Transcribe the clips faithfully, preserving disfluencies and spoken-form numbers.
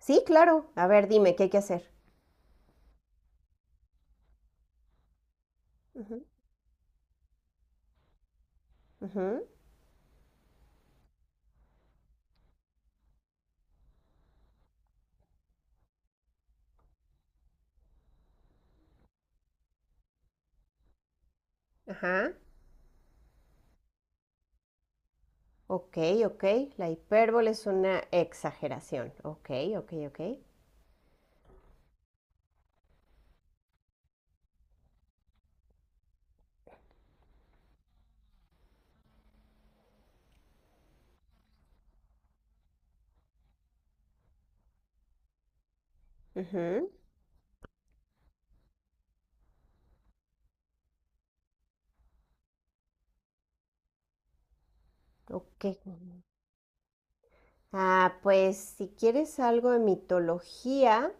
Sí, claro. A ver, dime, ¿qué hay que hacer? Ujú. Ujú. Ajá. Ok, ok. La hipérbole es una exageración. Ok, ok, ok. Ujú. Ok. Ah, pues si quieres algo de mitología,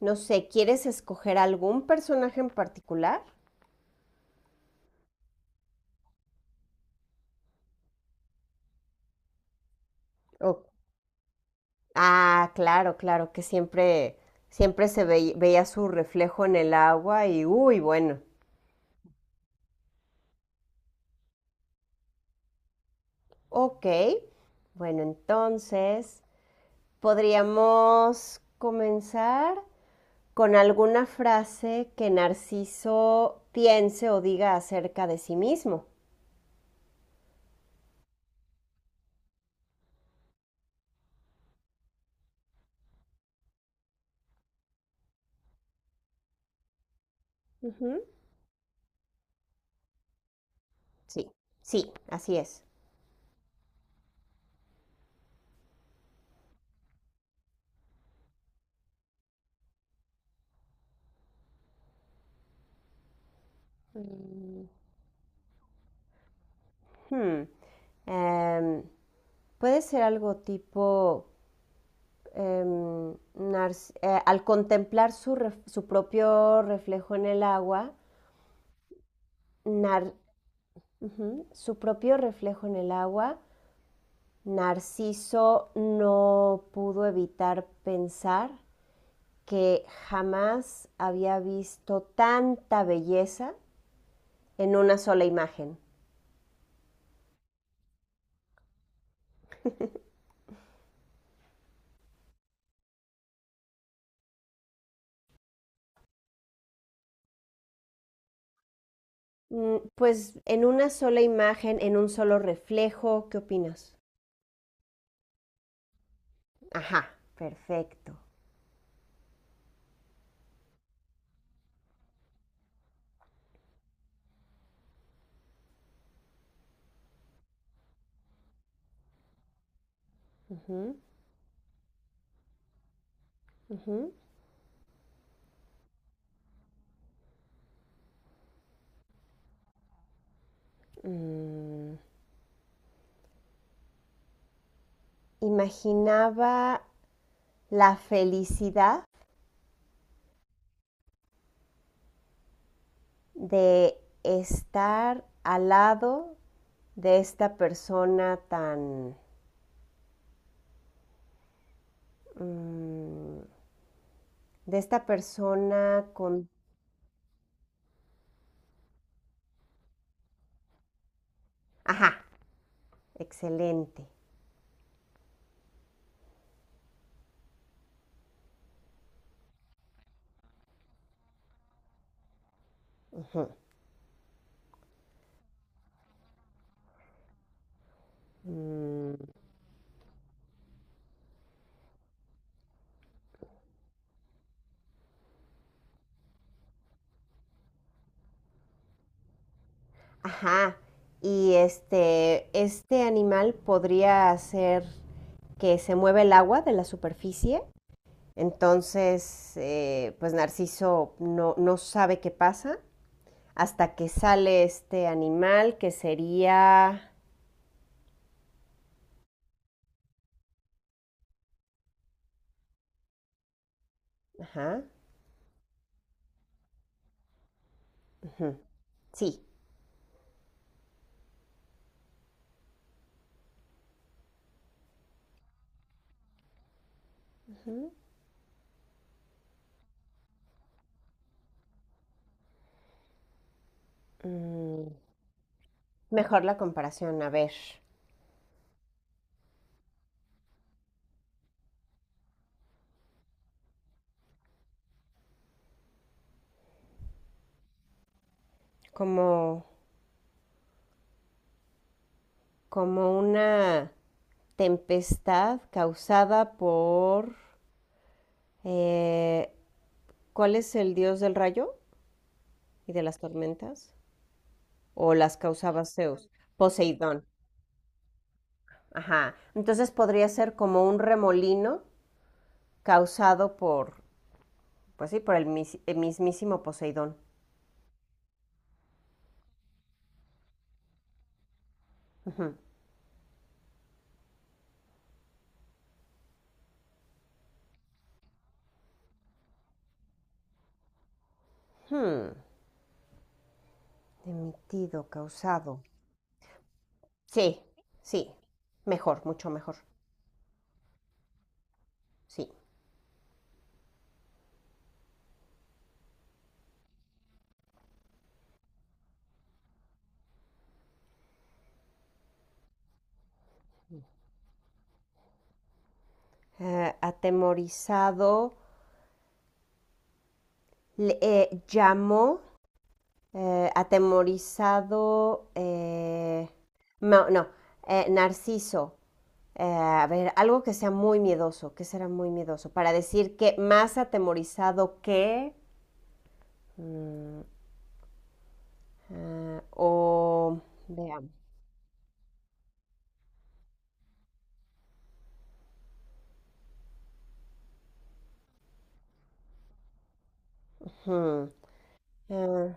no sé, ¿quieres escoger algún personaje en particular? O- Ah, claro, claro, que siempre, siempre se ve- veía su reflejo en el agua y, uy, bueno. Ok, bueno, entonces... Podríamos comenzar con alguna frase que Narciso piense o diga acerca de sí mismo. Ujú. Sí, sí, así es. Mm, Hmm, em, Puede ser algo tipo em, Nar- eh, al contemplar su, ref- su propio reflejo en el agua. Nar- Ujú, su propio reflejo en el agua, Narciso no pudo evitar pensar que jamás había visto tanta belleza en una sola imagen. Mm, Pues en una sola imagen, en un solo reflejo, ¿qué opinas? Ajá, perfecto. Ujú, ujú. Mm, Imaginaba la felicidad de estar al lado de esta persona tan... Mm, de esta persona con... Ajá, excelente. Mm, ajá. Y este, este animal podría hacer que se mueva el agua de la superficie. Entonces, eh, pues Narciso no, no sabe qué pasa hasta que sale este animal que sería... Ajá. Ujú. Sí. Ujú. Mm, Mejor la comparación. A ver, ¿cómo, como una tempestad causada por... eh, ¿cuál es el dios del rayo y de las tormentas? ¿O las causaba Zeus? Poseidón. Ajá. Entonces podría ser como un remolino causado por, pues sí, por el, mis- el mismísimo Poseidón. Ujú. Hmm. Emitido, causado. Sí, sí. Mejor, mucho mejor. Sí. Eh, atemorizado. Le- eh, llamó... Eh, atemorizado, eh, no, no, eh, Narciso. Eh, a ver, algo que sea muy miedoso. ¿Qué será muy miedoso? Para decir que más atemorizado que... mm, ah, o. Veamos. Hmm, ah,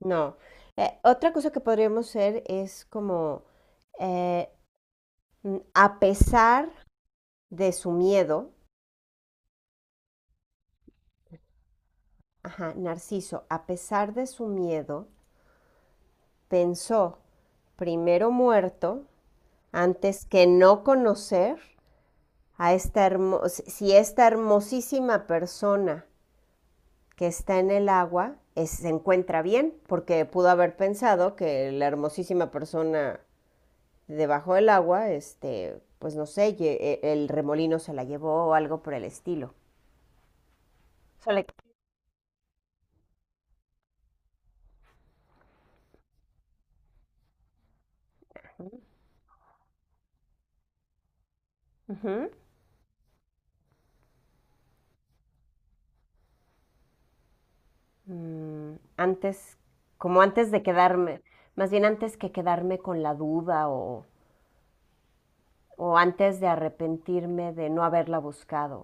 no. Eh, otra cosa que podríamos hacer es como... eh, mm, a pesar de su miedo. Ajá, Narciso, a pesar de su miedo, pensó: primero muerto antes que no conocer a esta hermos si si esta hermosísima persona que está en el agua. Es- se encuentra bien, porque pudo haber pensado que la hermosísima persona debajo del agua, este, pues no sé, lle- e- el remolino se la llevó o algo por el estilo. Se le- Mm, antes, como antes de quedarme, más bien antes que quedarme con la duda o o antes de arrepentirme de no haberla buscado.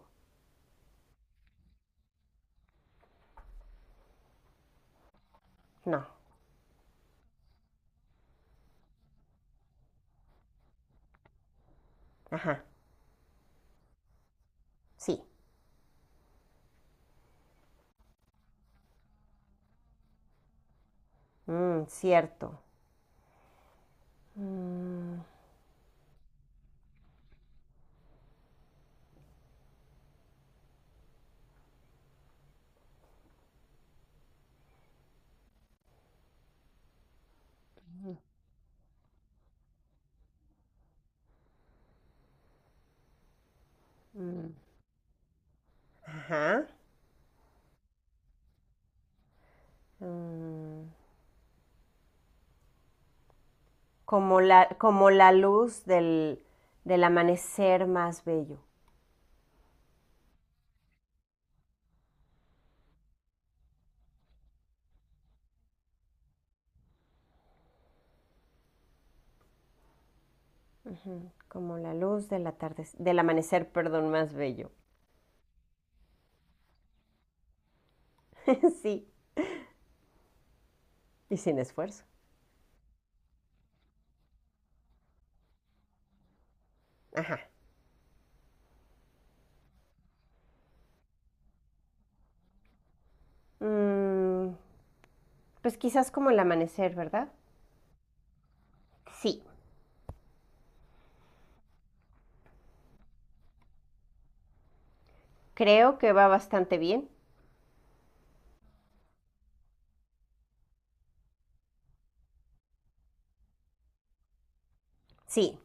No. Ajá. Sí. Mm, cierto. Mm, ajá. Mm, Como la, como la luz del, del amanecer más bello. Como la luz del atardecer, del amanecer, perdón, más bello. Sí. Y sin esfuerzo. Mm, pues quizás como el amanecer, ¿verdad? Sí. Creo que va bastante bien. Sí,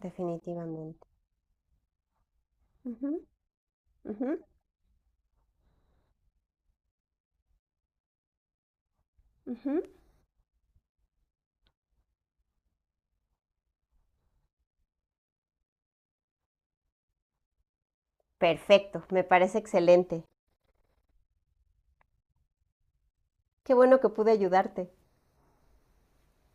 definitivamente. Ujú, ujú, ujú. Perfecto, me parece excelente. Qué bueno que pude ayudarte.